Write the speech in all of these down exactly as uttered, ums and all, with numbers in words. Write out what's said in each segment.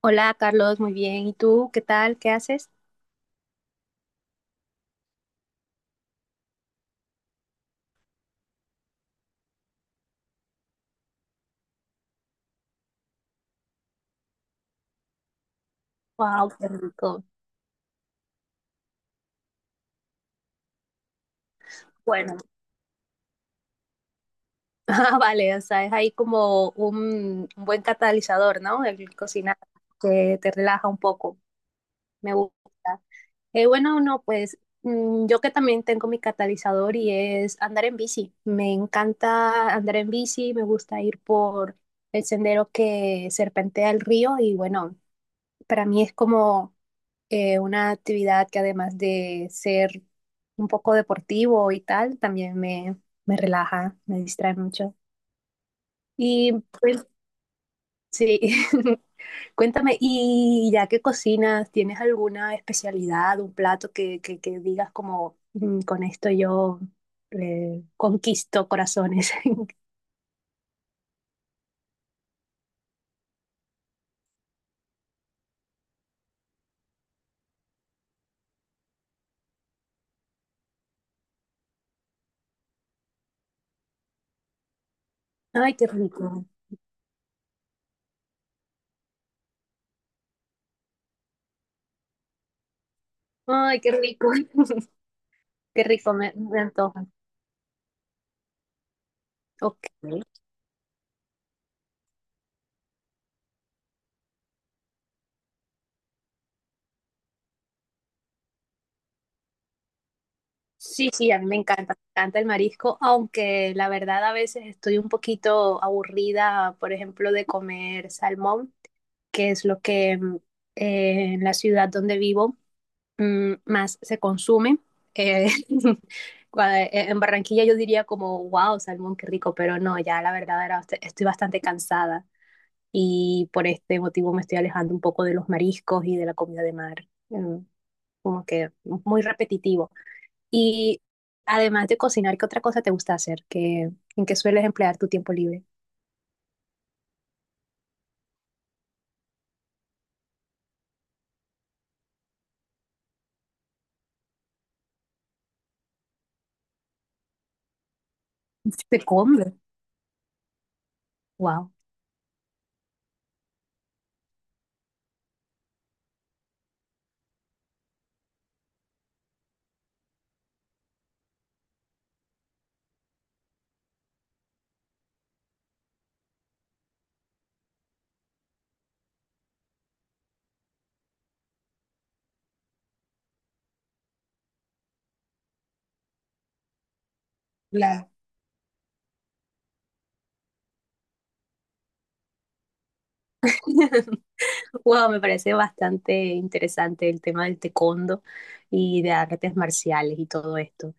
Hola Carlos, muy bien. ¿Y tú qué tal? ¿Qué haces? Wow, qué rico. Bueno, ah, vale, o sea, es ahí como un, un buen catalizador, ¿no? El cocinar que te relaja un poco. Me gusta. Eh, bueno, no, pues mm, yo que también tengo mi catalizador y es andar en bici. Me encanta andar en bici, me gusta ir por el sendero que serpentea el río y bueno, para mí es como eh, una actividad que además de ser un poco deportivo y tal, también me, me relaja, me distrae mucho. Y pues sí, cuéntame, y ya que cocinas, ¿tienes alguna especialidad, un plato que, que, que digas como "Mm, con esto yo eh, conquisto corazones?" Ay, qué rico. Ay, qué rico. Qué rico, me, me antoja. Ok. Sí, sí, a mí me encanta, me encanta el marisco, aunque la verdad a veces estoy un poquito aburrida, por ejemplo, de comer salmón, que es lo que mm, eh, en la ciudad donde vivo mm, más se consume. Eh, cua- eh, en Barranquilla yo diría como, wow, salmón, qué rico, pero no, ya la verdad era, bast- estoy bastante cansada y por este motivo me estoy alejando un poco de los mariscos y de la comida de mar. Mm, como que muy repetitivo. Y además de cocinar, ¿qué otra cosa te gusta hacer? ¿Qué, en qué sueles emplear tu tiempo libre? De comer. Wow. La... Wow, me parece bastante interesante el tema del taekwondo y de artes marciales y todo esto.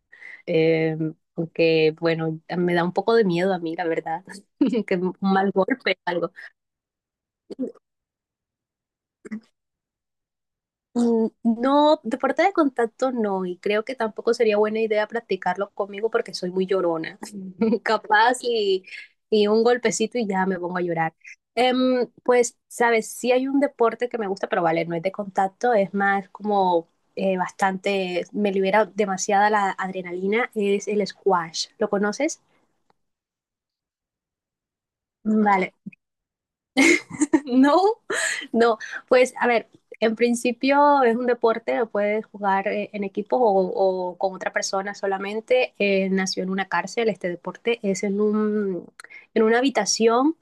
Eh, aunque, bueno, me da un poco de miedo a mí, la verdad, que un mal golpe, algo. Mm, no, deporte de contacto no, y creo que tampoco sería buena idea practicarlo conmigo porque soy muy llorona, capaz y, y un golpecito y ya me pongo a llorar. Em, pues, sabes, sí hay un deporte que me gusta, pero vale, no es de contacto, es más como eh, bastante, me libera demasiada la adrenalina, es el squash. ¿Lo conoces? Vale, no, no, pues a ver, en principio es un deporte, lo puedes jugar eh, en equipo o, o con otra persona solamente. Eh, nació en una cárcel, este deporte es en un, en una habitación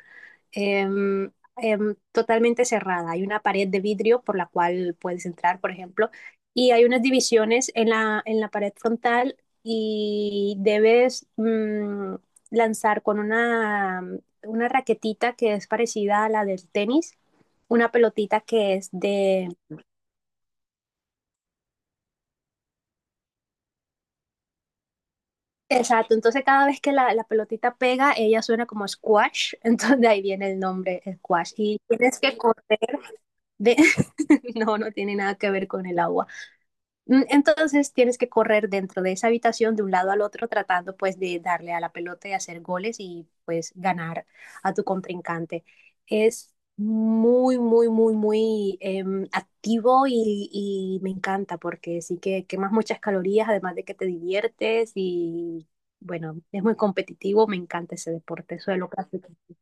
em, em, totalmente cerrada. Hay una pared de vidrio por la cual puedes entrar, por ejemplo, y hay unas divisiones en la, en la pared frontal y debes mm, lanzar con una, una raquetita que es parecida a la del tenis una pelotita que es de... Exacto, entonces cada vez que la, la pelotita pega, ella suena como squash, entonces de ahí viene el nombre squash. Y tienes que correr de... No, no tiene nada que ver con el agua. Mm, entonces tienes que correr dentro de esa habitación de un lado al otro tratando pues de darle a la pelota y hacer goles y pues ganar a tu contrincante. Es muy, muy, muy, muy em, activo y, y me encanta porque sí que quemas muchas calorías, además de que te diviertes y bueno, es muy competitivo, me encanta ese deporte, eso es lo que hace que...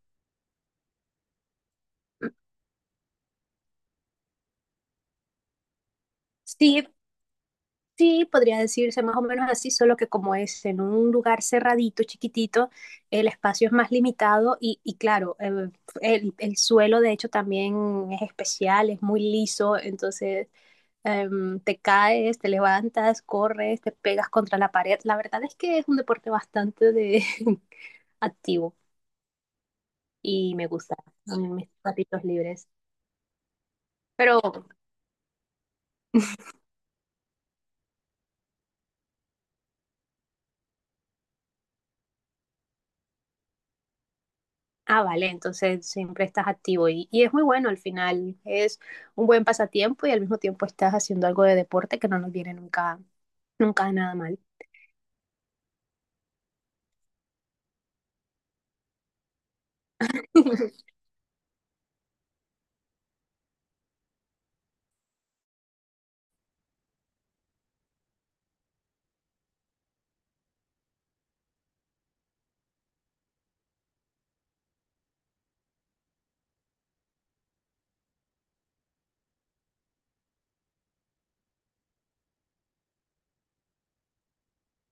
Sí, sí, podría decirse más o menos así, solo que como es en un lugar cerradito, chiquitito, el espacio es más limitado y, y claro, eh, el, el, suelo de hecho también es especial, es muy liso, entonces eh, te caes, te levantas, corres, te pegas contra la pared. La verdad es que es un deporte bastante de activo y me gusta en mis ratitos libres. Pero ah, vale, entonces siempre estás activo y, y es muy bueno al final, es un buen pasatiempo y al mismo tiempo estás haciendo algo de deporte que no nos viene nunca, nunca nada mal.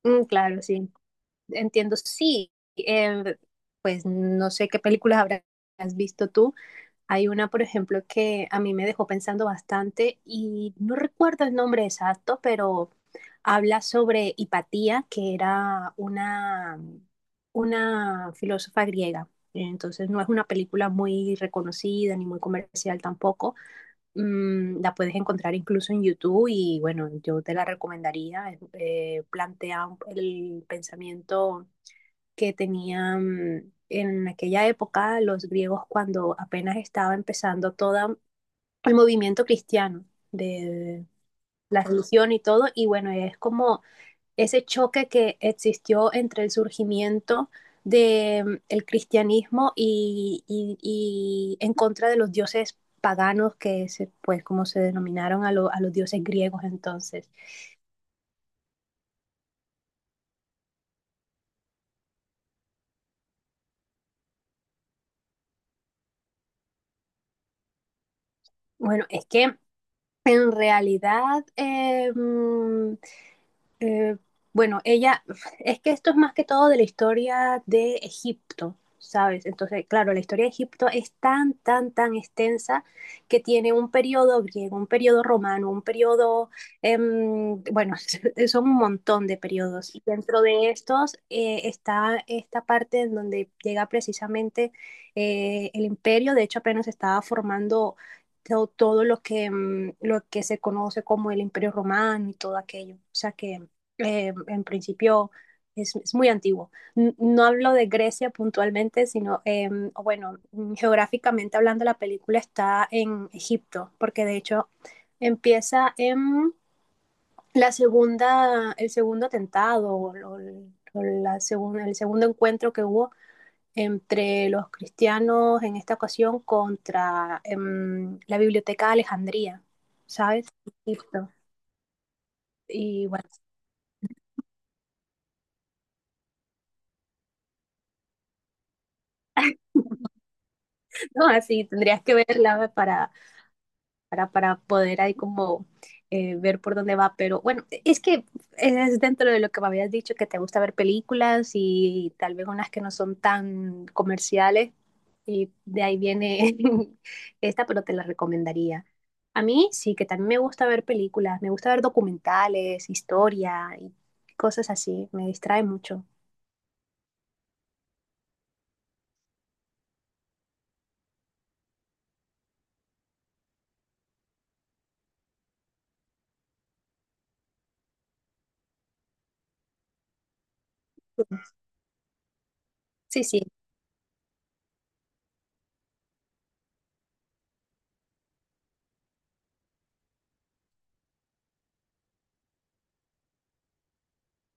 Mm, claro, sí, entiendo, sí, eh, pues no sé qué películas habrás visto tú. Hay una, por ejemplo, que a mí me dejó pensando bastante y no recuerdo el nombre exacto, pero habla sobre Hipatía, que era una, una filósofa griega. Entonces no es una película muy reconocida ni muy comercial tampoco. Mm, la puedes encontrar incluso en YouTube y bueno, yo te la recomendaría. Eh, plantea el pensamiento que tenían en aquella época los griegos cuando apenas estaba empezando todo el movimiento cristiano de la religión y todo. Y bueno, es como ese choque que existió entre el surgimiento del el cristianismo y, y, y, en contra de los dioses paganos, que se, pues como se denominaron a, lo, a los dioses griegos entonces. Bueno, es que en realidad eh, mm, Eh, bueno, ella, es que esto es más que todo de la historia de Egipto, ¿sabes? Entonces, claro, la historia de Egipto es tan, tan, tan extensa que tiene un periodo griego, un periodo romano, un periodo, em, bueno, son un montón de periodos. Y dentro de estos eh, está esta parte en donde llega precisamente eh, el imperio, de hecho apenas estaba formando to- todo, lo que, em, lo que se conoce como el imperio romano y todo aquello. O sea que eh, en principio es, es muy antiguo. N- No hablo de Grecia puntualmente, sino, eh, o bueno, geográficamente hablando, la película está en Egipto, porque de hecho empieza en la segunda, el segundo atentado o, o- o la segunda, el segundo encuentro que hubo entre los cristianos en esta ocasión contra em, la Biblioteca de Alejandría, ¿sabes? Egipto. Y bueno, no, así tendrías que verla para, para, para poder ahí como eh, ver por dónde va, pero bueno, es que es dentro de lo que me habías dicho, que te gusta ver películas y tal vez unas que no son tan comerciales, y de ahí viene esta, pero te la recomendaría. A mí sí, que también me gusta ver películas, me gusta ver documentales, historia y cosas así, me distrae mucho. Sí, sí,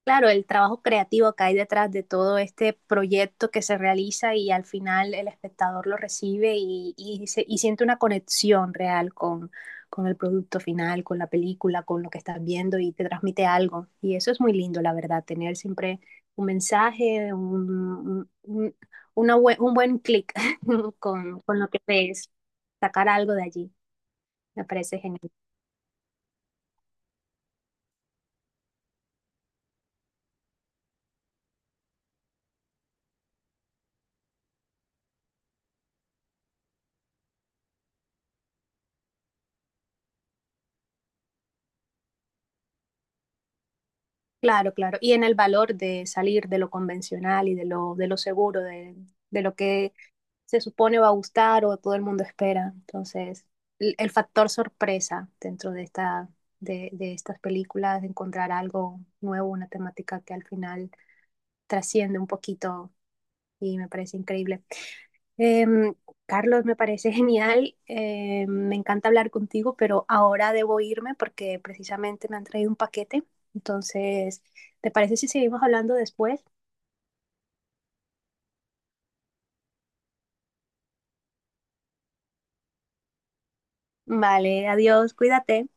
claro, el trabajo creativo que hay detrás de todo este proyecto que se realiza y al final el espectador lo recibe y, y, se- y siente una conexión real con, con el producto final, con la película, con lo que estás viendo y te transmite algo. Y eso es muy lindo, la verdad, tener siempre un mensaje, un, un- un- una bue- un buen clic con, con lo que ves, sacar algo de allí. Me parece genial. Claro, claro. Y en el valor de salir de lo convencional y de lo, de lo seguro, de, de lo que se supone va a gustar o todo el mundo espera. Entonces, el, el factor sorpresa dentro de esta, de, de estas películas, de encontrar algo nuevo, una temática que al final trasciende un poquito y me parece increíble. Em, Carlos, me parece genial. Eh, me encanta hablar contigo, pero ahora debo irme porque precisamente me han traído un paquete. Entonces, ¿te parece si seguimos hablando después? Vale, adiós, cuídate.